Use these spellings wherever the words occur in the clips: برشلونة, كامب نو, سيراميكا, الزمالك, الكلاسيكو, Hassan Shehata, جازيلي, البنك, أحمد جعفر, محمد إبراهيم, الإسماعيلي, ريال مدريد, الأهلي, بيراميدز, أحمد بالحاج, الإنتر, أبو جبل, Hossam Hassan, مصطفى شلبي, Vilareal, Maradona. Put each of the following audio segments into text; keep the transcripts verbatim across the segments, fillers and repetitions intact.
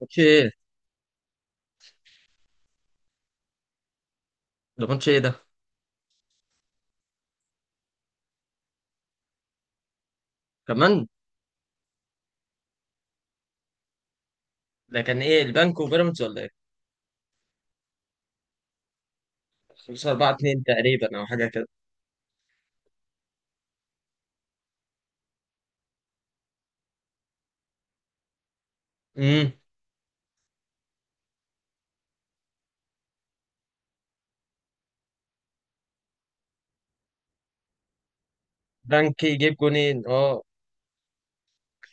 ماتش ايه؟ ده ماتش ايه ده؟ كمان. ده كان ايه، البنك وبيراميدز ولا ايه؟ خمسة اربعة اتنين تقريبا او حاجه كده. امم. بنك يجيب جونين؟ اه،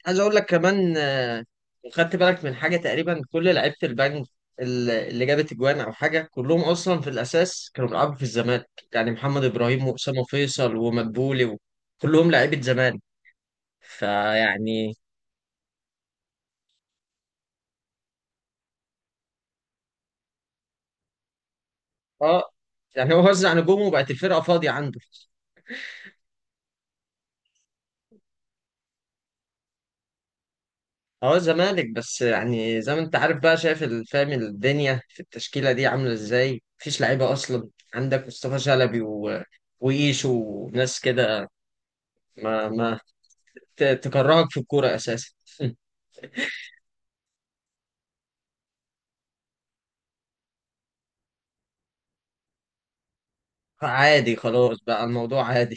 عايز اقول لك كمان. آه، خدت بالك من حاجه، تقريبا كل لعيبه البنك ال- اللي جابت اجوان او حاجه، كلهم اصلا في الاساس كانوا بيلعبوا في الزمالك، يعني محمد ابراهيم واسامه فيصل ومدبولي. كلهم لعيبه زمالك، فيعني اه يعني هو وزع نجومه وبقت الفرقه فاضيه عنده. اه، زمالك، بس يعني زي ما انت عارف بقى شايف ال- فاهم الدنيا في التشكيلة دي عاملة ازاي، مفيش لعيبة اصلا. عندك مصطفى شلبي و... وإيشو وناس كده. ما ما ت- تكرهك في الكورة اساسا. عادي، خلاص بقى الموضوع عادي.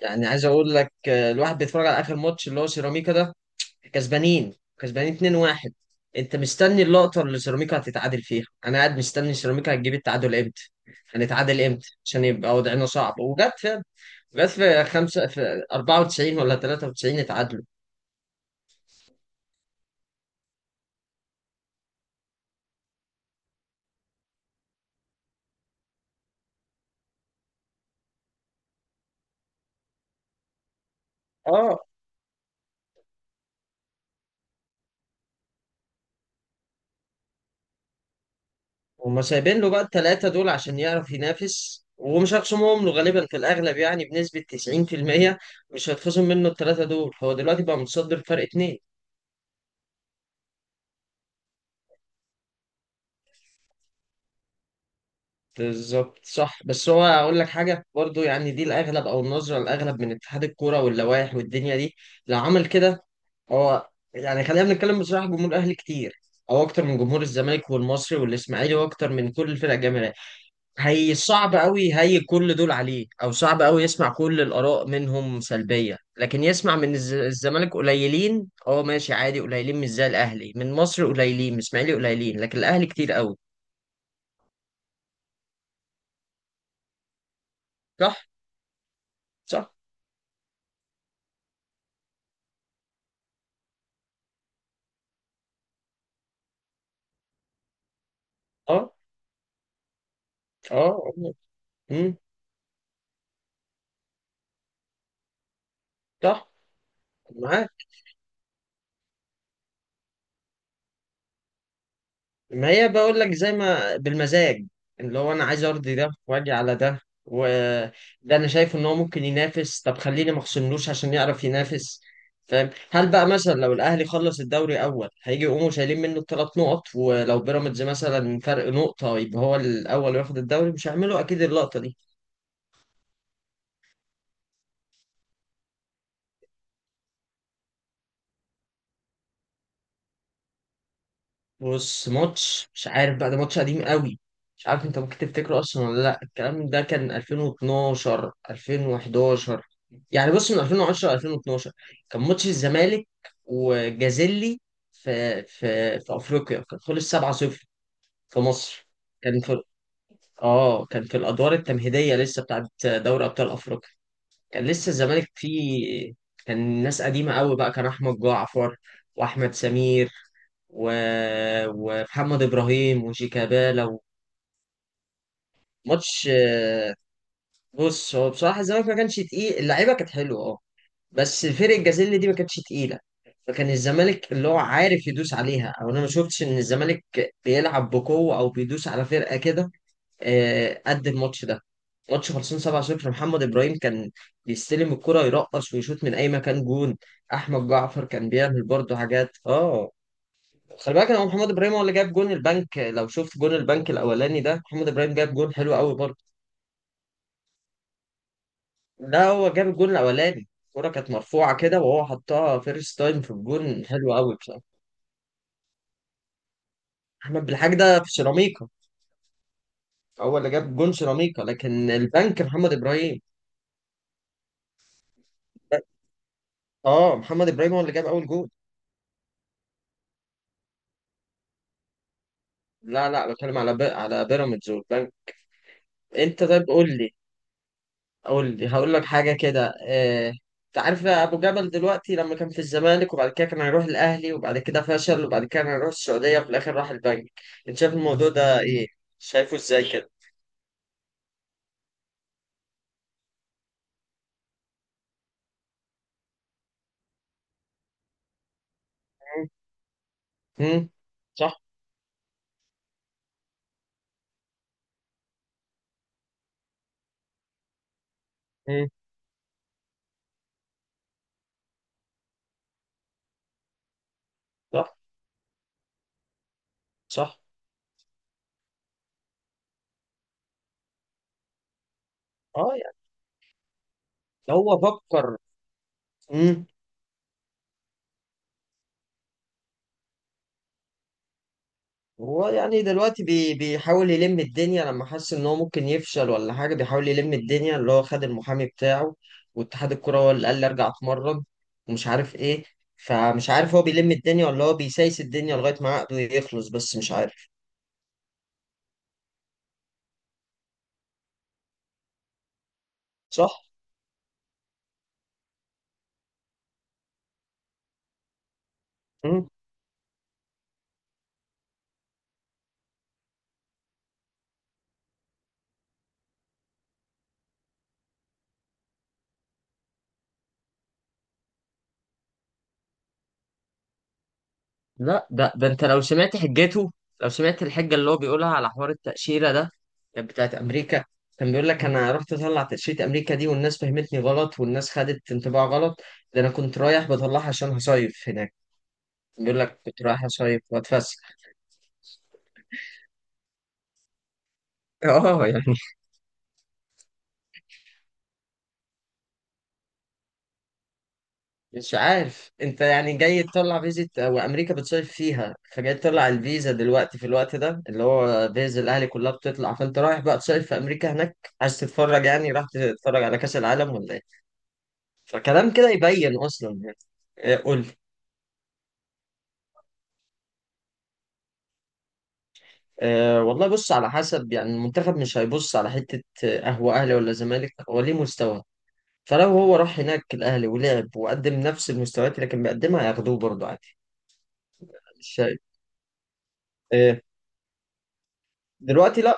يعني عايز اقول لك، آه، الواحد بيتفرج على اخر ماتش اللي هو سيراميكا ده، كسبانين كسبانين اتنين واحد. انت مستني اللقطة اللي سيراميكا هتتعادل فيها، انا قاعد مستني سيراميكا هتجيب التعادل امتى. هنتعادل امتى عشان يبقى وضعنا صعب، وجت. بس في خمسة، في اربعة وتسعين ولا تلاتة وتسعين اتعادلوا. اه، هما سايبين له بقى الثلاثة دول عشان يعرف ينافس ومش هيخصمهم له غالبا، في الأغلب يعني بنسبة تسعين في المية. مش هيتخصم منه الثلاثة دول. هو دلوقتي بقى متصدر فرق اتنين. بالظبط صح، بس هو أقول لك حاجة برضو. يعني دي الأغلب أو النظرة الأغلب من اتحاد الكورة واللوائح والدنيا دي. لو عمل كده، هو يعني خلينا نتكلم بصراحة، جمهور الأهلي كتير أو أكتر من جمهور الزمالك والمصري والإسماعيلي، وأكتر من كل الفرق الجماهيرية. هي صعب قوي، هي كل دول عليه، او صعب قوي يسمع كل الاراء منهم سلبيه. لكن يسمع من الز- الزمالك قليلين. اه، ماشي عادي قليلين، مش زي الاهلي. من مصر قليلين، من اسماعيلي قليلين، لكن الاهلي كتير قوي. صح. صح. اه. اه. آه. امم. صح. معاك. ما هي بقول لك زي ما بالمزاج، اللي هو انا عايز ارضي ده واجي على ده وده. انا شايف ان هو ممكن ينافس، طب خليني ما اخصملوش عشان يعرف ينافس. فاهم؟ هل بقى مثلا لو الاهلي خلص الدوري اول هيجي يقوموا شايلين منه الثلاث نقط؟ ولو بيراميدز مثلا فرق نقطة يبقى هو الاول وياخد الدوري، مش هيعملوا اكيد اللقطة دي. بص، ماتش مش عارف بقى، ده ماتش قديم قوي. مش عارف انت ممكن تفتكره اصلا ولا لا، الكلام ده كان الفين واثنا عشر الفين وحداشر، يعني بص من الفين وعشرة ل الفين واثنا عشر. كان ماتش الزمالك وجازيلي في في في افريقيا، كان خلص سبعة صفر في مصر. كان في، اه، كان في الادوار التمهيديه لسه بتاعت دوري ابطال افريقيا. كان لسه الزمالك فيه، كان ناس قديمة قوي بقى، كان أحمد جعفر وأحمد سمير و... ومحمد إبراهيم وشيكابالا. ماتش، آه، بص هو بصراحة الزمالك ما كانش تقيل، اللعيبة كانت حلوة اه. بس فرق الجازيل دي ما كانتش تقيلة، فكان الزمالك اللي هو عارف يدوس عليها. أو أنا ما شفتش إن الزمالك بيلعب بقوة أو بيدوس على فرقة كده، آه، قد الماتش ده. ماتش خلصان سبعة صفر، محمد ابراهيم كان بيستلم الكرة يرقص ويشوط من اي مكان جون. احمد جعفر كان بيعمل برضه حاجات اه. خلي بالك، هو محمد ابراهيم هو اللي جاب جون البنك. لو شفت جون البنك الاولاني، ده محمد ابراهيم جاب جون حلو قوي برضه. لا، هو جاب الجون الاولاني، الكرة كانت مرفوعة كده وهو حطها فيرست تايم في الجون، حلو قوي بصراحة. احمد بالحاج ده في سيراميكا، هو اللي جاب جون سيراميكا. لكن البنك، محمد ابراهيم. اه، محمد ابراهيم هو اللي جاب اول جون. لا لا، بتكلم على بي... على بيراميدز والبنك. انت طيب قول لي، قول لي هقول لك حاجه كده اه... انت عارف ابو جبل دلوقتي، لما كان في الزمالك وبعد كده كان هيروح الاهلي وبعد كده فشل وبعد كده كان هيروح السعوديه وفي الاخر راح البنك، انت شايف الموضوع ده ايه؟ شايفه ازاي كده؟ امم. صح. امم. صح. صح. اه يعني هو فكر. مم. هو يعني دلوقتي بي بيحاول يلم الدنيا لما حس ان هو ممكن يفشل ولا حاجه، بيحاول يلم الدنيا، اللي هو خد المحامي بتاعه واتحاد الكوره هو اللي قال لي ارجع اتمرن ومش عارف ايه. فمش عارف هو بيلم الدنيا ولا هو بيسايس الدنيا لغايه ما عقده يخلص، بس مش عارف. صح؟ لا، ده ده انت لو سمعت حجته، لو سمعت الحجه اللي هو بيقولها على حوار التاشيره ده، كانت بتاعت امريكا. كان بيقول لك انا رحت اطلع تاشيره امريكا دي والناس فهمتني غلط والناس خدت انطباع غلط. ده انا كنت رايح بطلعها عشان هصيف هناك. بيقول لك كنت رايح اصيف واتفسح. اه يعني مش عارف، انت يعني جاي تطلع فيزا وامريكا بتصيف فيها، فجاي تطلع الفيزا دلوقتي في الوقت ده اللي هو فيزا الاهلي كلها بتطلع، فانت رايح بقى تصيف في امريكا هناك؟ عايز تتفرج، يعني راح تتفرج على كاس العالم ولا إيه؟ فكلام كده يبين اصلا يعني. آه، قول لي. أه والله، بص على حسب، يعني المنتخب مش هيبص على حتة، آه، هو أهلي ولا زمالك، هو ليه مستوى. فلو هو راح هناك الأهلي ولعب وقدم نفس المستويات اللي كان بيقدمها هياخدوه برضه عادي. مش شايف. أه. دلوقتي لا.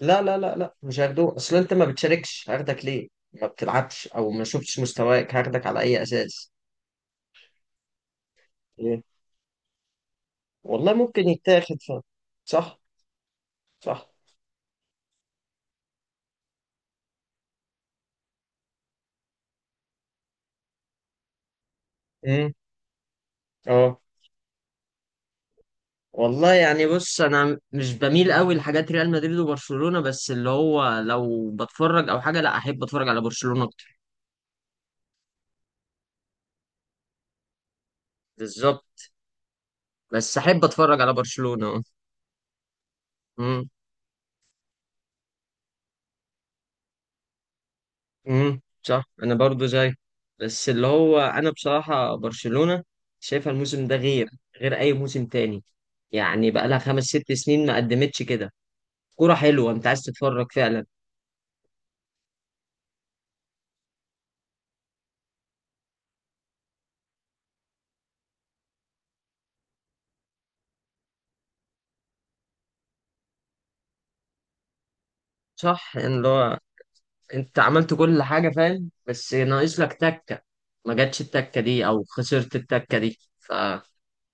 لا لا لا لا مش هياخدوه، أصل أنت ما بتشاركش هاخدك ليه؟ ما بتلعبش أو ما شفتش مستواك هاخدك على أي أساس؟ إيه؟ والله ممكن يتاخد ف... صح. صح. امم. اه، والله يعني بص انا مش بميل قوي لحاجات ريال مدريد وبرشلونة، بس اللي هو لو بتفرج او حاجة لا احب اتفرج على برشلونة اكتر. بالظبط. بس احب اتفرج على برشلونة. امم. امم. صح، انا برضو زي. بس اللي هو انا بصراحة برشلونة شايفها الموسم ده غير، غير اي موسم تاني، يعني بقى لها خمس ست سنين ما قدمتش كده. كرة حلوة، انت عايز تتفرج فعلا. صح يعني، اللي هو انت عملت كل حاجة فاهم بس ناقص لك تكة. ما جاتش التكة دي او خسرت التكة دي ف.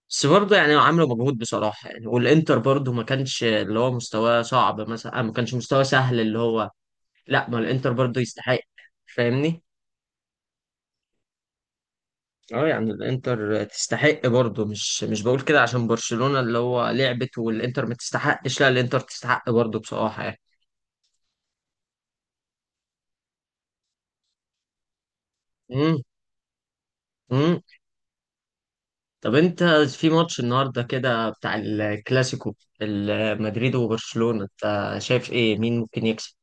بس برضه يعني عملوا مجهود بصراحة يعني، والانتر برضه ما كانش اللي هو مستواه صعب مثلا، آه، ما كانش مستواه سهل اللي هو. لا، ما الانتر برضه يستحق. فاهمني. اه، يعني الانتر تستحق برضه، مش مش بقول كده عشان برشلونة اللي هو لعبت والانتر ما تستحقش، لا الانتر تستحق برضه بصراحة يعني. امم. طب انت في ماتش النهارده كده بتاع الكلاسيكو، ال- مدريد وبرشلونة، انت شايف ايه مين ممكن يكسب؟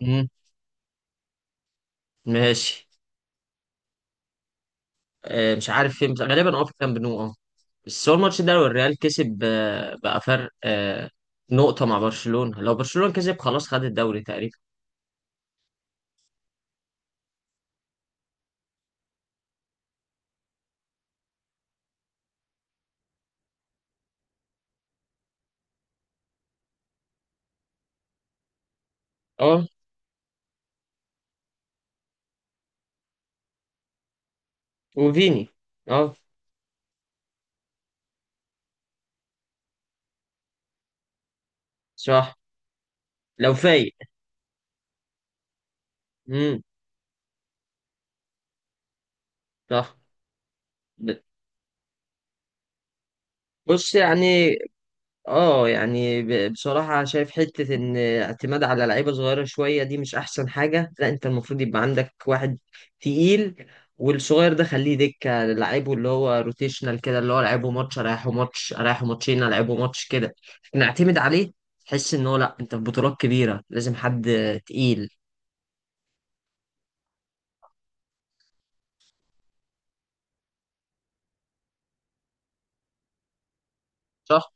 مم. ماشي، اه مش عارف فين بس غالبا اه في كامب نو اه. بس هو الماتش ده لو الريال كسب، اه، بقى فرق اه، نقطة مع برشلونة. لو برشلونة كسب خلاص خد الدوري تقريبا. اه وفيني. اه. صح. لو فايق. امم. صح. ب- بص يعني، اه يعني ب- بصراحة شايف حتة ان اعتماد على لعيبة صغيرة شوية دي مش احسن حاجة. لا انت المفروض يبقى عندك واحد تقيل، والصغير ده خليه دكة لعيبه، اللي هو روتيشنال كده، اللي هو لعيبه ماتش اريحه ماتش اريحه ماتشين العبه ماتش كده، نعتمد عليه. تحس ان هو لا، انت في بطولات كبيرة لازم حد تقيل. صح.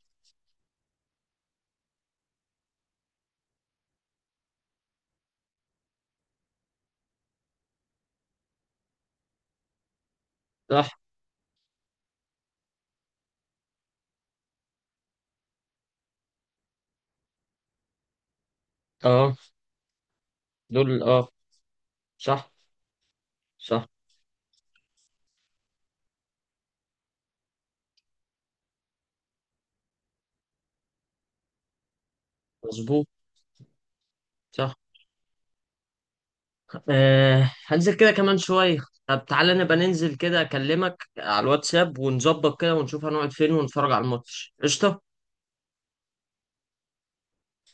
صح. اه دول اه. صح. صح. مظبوط. صح. أه هنزل كده كمان شوية. طب تعالى نبقى ننزل كده، أكلمك على الواتساب ونظبط كده ونشوف هنقعد فين ونتفرج على الماتش قشطة.